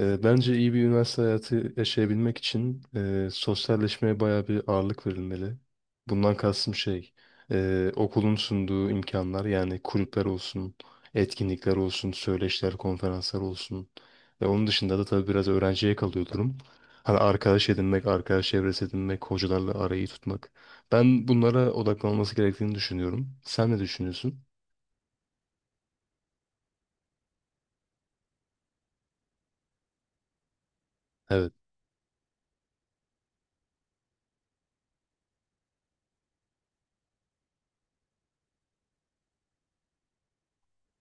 Bence iyi bir üniversite hayatı yaşayabilmek için sosyalleşmeye bayağı bir ağırlık verilmeli. Bundan kastım şey, okulun sunduğu imkanlar yani kulüpler olsun, etkinlikler olsun, söyleşiler, konferanslar olsun. Ve onun dışında da tabii biraz öğrenciye kalıyor durum. Hani arkadaş edinmek, arkadaş çevresi edinmek, hocalarla arayı tutmak. Ben bunlara odaklanması gerektiğini düşünüyorum. Sen ne düşünüyorsun?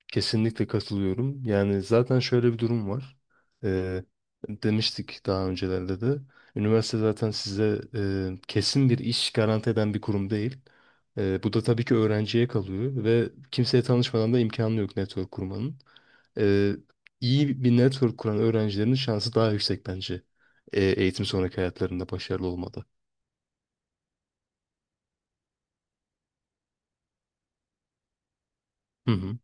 Kesinlikle katılıyorum. Yani zaten şöyle bir durum var. Ee, demiştik daha öncelerde de. Üniversite zaten size kesin bir iş garanti eden bir kurum değil. Bu da tabii ki öğrenciye kalıyor ve kimseye tanışmadan da imkanı yok network kurmanın. Ee, iyi bir network kuran öğrencilerin şansı daha yüksek bence. Eğitim sonraki hayatlarında başarılı olmada. Hı hı.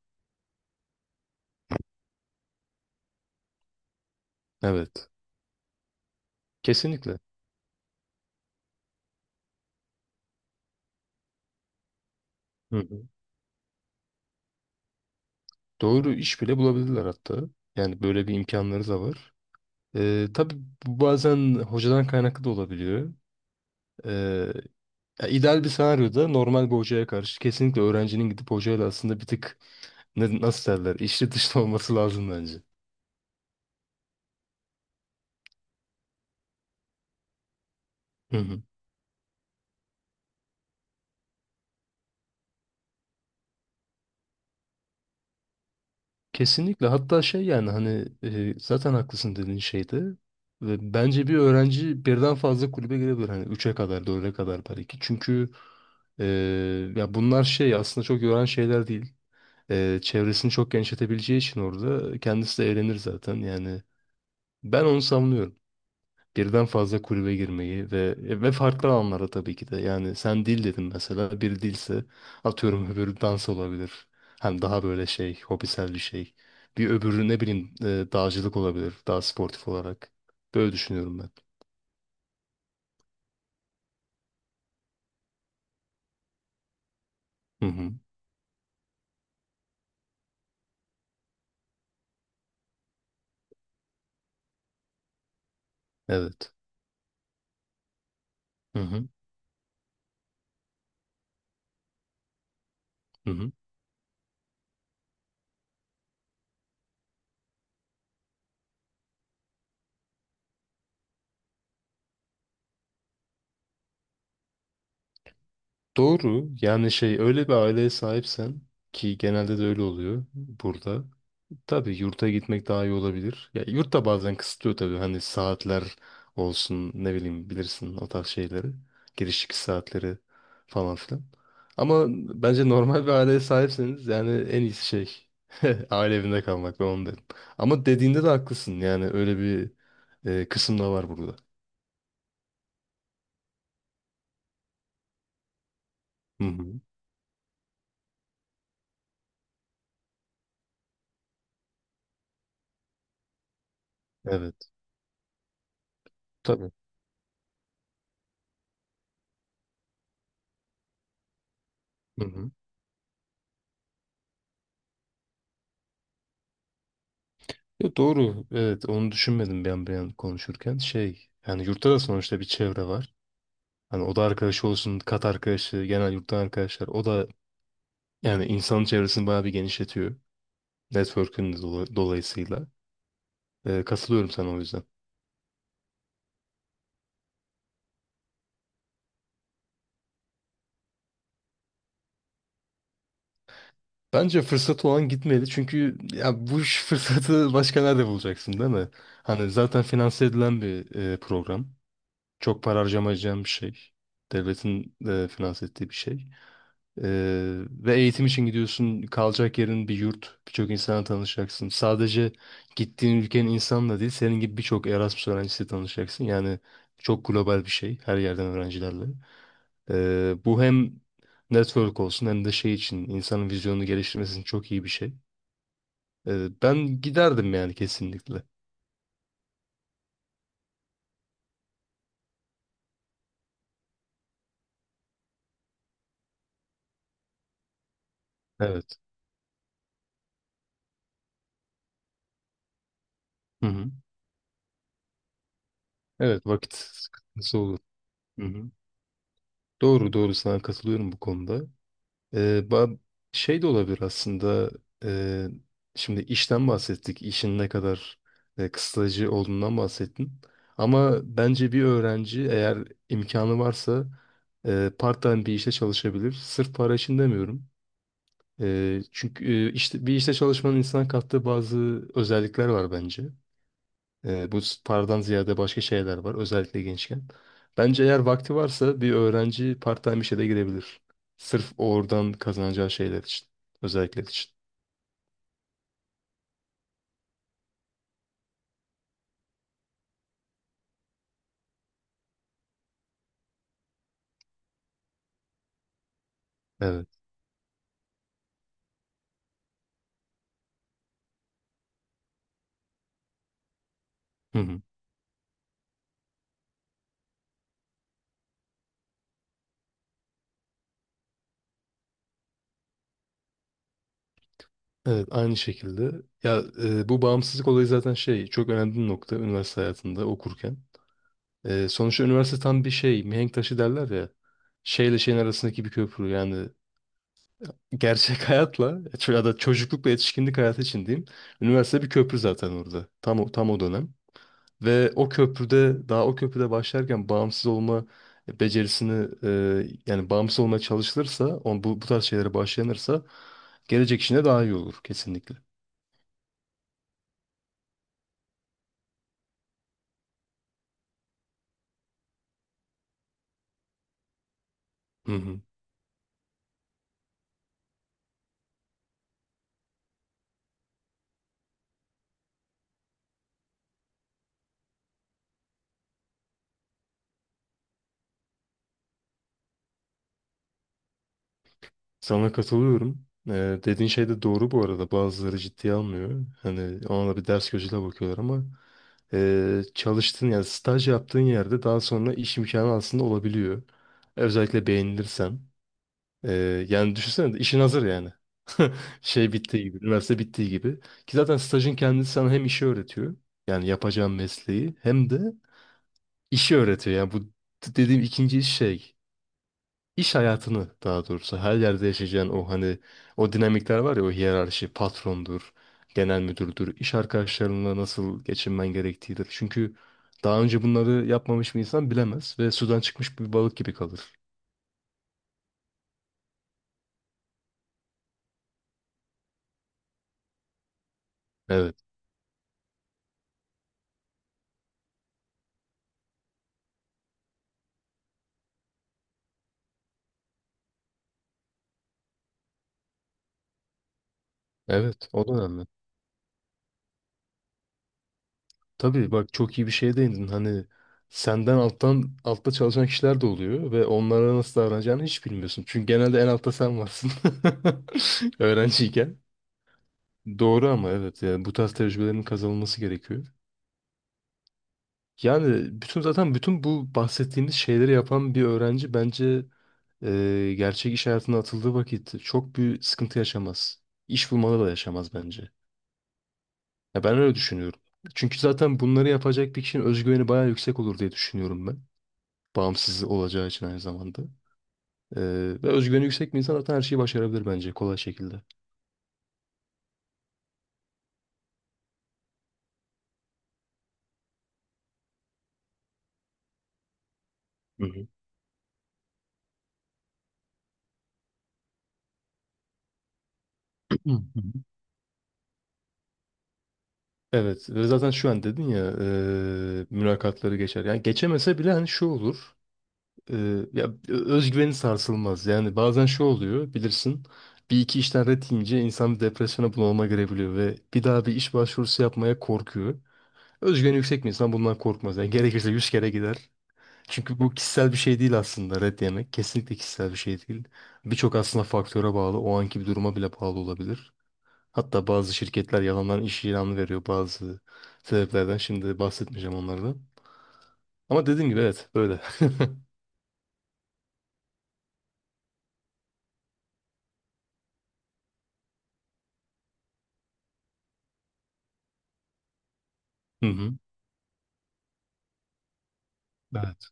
Evet. Kesinlikle. Hı hı. Doğru iş bile bulabilirler hatta. Yani böyle bir imkanları da var. Tabii bu bazen hocadan kaynaklı da olabiliyor. Ee, ya ideal bir senaryoda normal bir hocaya karşı kesinlikle öğrencinin gidip hocayla aslında bir tık nasıl derler içli dışlı olması lazım bence. Hı hı. Kesinlikle hatta şey yani hani zaten haklısın dediğin şeyde ve bence bir öğrenci birden fazla kulübe girebilir hani üç'e kadar dörd'e kadar belki çünkü e, ya bunlar şey aslında çok yoran şeyler değil. Çevresini çok genişletebileceği için orada kendisi de eğlenir zaten yani ben onu savunuyorum. Birden fazla kulübe girmeyi ve farklı alanlara tabii ki de. Yani sen dil dedin mesela. Bir dilse atıyorum öbürü dans olabilir. Hani daha böyle şey, hobisel bir şey. Bir öbürü ne bileyim dağcılık olabilir. Daha sportif olarak. Böyle düşünüyorum ben. Hı hı. Evet. Hı hı. Hı hı. Doğru. Yani şey öyle bir aileye sahipsen ki genelde de öyle oluyor burada. Tabii yurta gitmek daha iyi olabilir. Ya yurt da bazen kısıtlıyor tabii. Hani saatler olsun ne bileyim bilirsin o tarz şeyleri. Giriş çıkış saatleri falan filan. Ama bence normal bir aileye sahipseniz yani en iyisi şey aile evinde kalmak ben onu derim. Ama dediğinde de haklısın yani öyle bir kısım da var burada. Hı hı. Evet tabii. Hı hı. Ya doğru evet onu düşünmedim ben bir an konuşurken şey yani yurtta da sonuçta bir çevre var. Hani oda arkadaşı olsun, kat arkadaşı, genel yurttan arkadaşlar. O da yani insanın çevresini bayağı bir genişletiyor. Network'ün de dolayısıyla. Katılıyorum sana o yüzden. Bence fırsatı olan gitmeli. Çünkü ya bu iş fırsatı başka nerede bulacaksın değil mi? Hani zaten finanse edilen bir program. Çok para harcamayacağın bir şey. Devletin de finanse ettiği bir şey. Ve eğitim için gidiyorsun. Kalacak yerin bir yurt. Birçok insana tanışacaksın. Sadece gittiğin ülkenin insanla değil, senin gibi birçok Erasmus öğrencisiyle tanışacaksın. Yani çok global bir şey. Her yerden öğrencilerle. Bu hem network olsun hem de şey için insanın vizyonunu geliştirmesi için çok iyi bir şey. Ben giderdim yani kesinlikle. Evet. Hı hı. Evet vakit sıkıntısı olur. Hı hı. Doğru doğru sana katılıyorum bu konuda. Ee, ba- şey de olabilir aslında. e, Şimdi işten bahsettik. İşin ne kadar kısıtlayıcı olduğundan bahsettin. Ama bence bir öğrenci eğer imkanı varsa part-time bir işte çalışabilir. Sırf para için demiyorum. Çünkü işte bir işte çalışmanın insana kattığı bazı özellikler var bence. Bu paradan ziyade başka şeyler var özellikle gençken. Bence eğer vakti varsa bir öğrenci part-time işe de girebilir. Sırf oradan kazanacağı şeyler için. Özellikler için. Evet. Hı hı. Evet aynı şekilde. Ya bu bağımsızlık olayı zaten şey çok önemli bir nokta üniversite hayatında okurken. Sonuçta üniversite tam bir şey mihenk taşı derler ya. Şeyle şeyin arasındaki bir köprü yani gerçek hayatla ya da çocuklukla yetişkinlik hayatı için diyeyim. Üniversite bir köprü zaten orada. Tam o, tam o dönem. Ve o köprüde daha o köprüde başlarken bağımsız olma becerisini yani bağımsız olmaya çalışılırsa bu tarz şeylere başlanırsa gelecek işine daha iyi olur kesinlikle. Hı hı. Sana katılıyorum. Dediğin şey de doğru bu arada. Bazıları ciddiye almıyor. Hani ona da bir ders gözüyle bakıyorlar ama çalıştığın yani staj yaptığın yerde daha sonra iş imkanı aslında olabiliyor. Özellikle beğenilirsen. E, yani düşünsene de işin hazır yani. Şey bittiği gibi, üniversite bittiği gibi. Ki zaten stajın kendisi sana hem işi öğretiyor. Yani yapacağın mesleği hem de işi öğretiyor. Yani bu dediğim ikinci iş şey. İş hayatını daha doğrusu her yerde yaşayacağın o hani o dinamikler var ya o hiyerarşi patrondur, genel müdürdür, iş arkadaşlarınla nasıl geçinmen gerektiğidir. Çünkü daha önce bunları yapmamış bir insan bilemez ve sudan çıkmış bir balık gibi kalır. Evet, evet, o da önemli. Tabii bak çok iyi bir şeye değindin. Hani senden alttan altta çalışan kişiler de oluyor ve onlara nasıl davranacağını hiç bilmiyorsun. Çünkü genelde en altta sen varsın. Öğrenciyken. Doğru ama evet yani bu tarz tecrübelerin kazanılması gerekiyor. Yani bütün bu bahsettiğimiz şeyleri yapan bir öğrenci bence gerçek iş hayatına atıldığı vakit çok büyük sıkıntı yaşamaz. İş bulmada da yaşamaz bence. Ya ben öyle düşünüyorum. Çünkü zaten bunları yapacak bir kişinin özgüveni bayağı yüksek olur diye düşünüyorum ben. Bağımsız olacağı için aynı zamanda. Ee, ve özgüveni yüksek bir insan zaten her şeyi başarabilir bence kolay şekilde. Hı hı. Evet ve zaten şu an dedin ya mülakatları geçer. Yani geçemese bile hani şu olur. Ya özgüveni sarsılmaz. Yani bazen şu oluyor bilirsin. Bir iki işten ret yiyince insan depresyona bunalıma girebiliyor ve bir daha bir iş başvurusu yapmaya korkuyor. Özgüveni yüksek bir insan bundan korkmaz. Yani gerekirse 100 kere gider. Çünkü bu kişisel bir şey değil aslında red yemek. Kesinlikle kişisel bir şey değil. Birçok aslında faktöre bağlı. O anki bir duruma bile bağlı olabilir. Hatta bazı şirketler yalandan iş ilanı veriyor bazı sebeplerden. Şimdi bahsetmeyeceğim onlardan. Ama dediğim gibi evet böyle. Hı hı. Evet.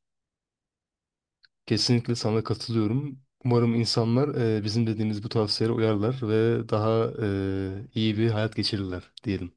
Kesinlikle sana katılıyorum. Umarım insanlar bizim dediğimiz bu tavsiyelere uyarlar ve daha iyi bir hayat geçirirler diyelim.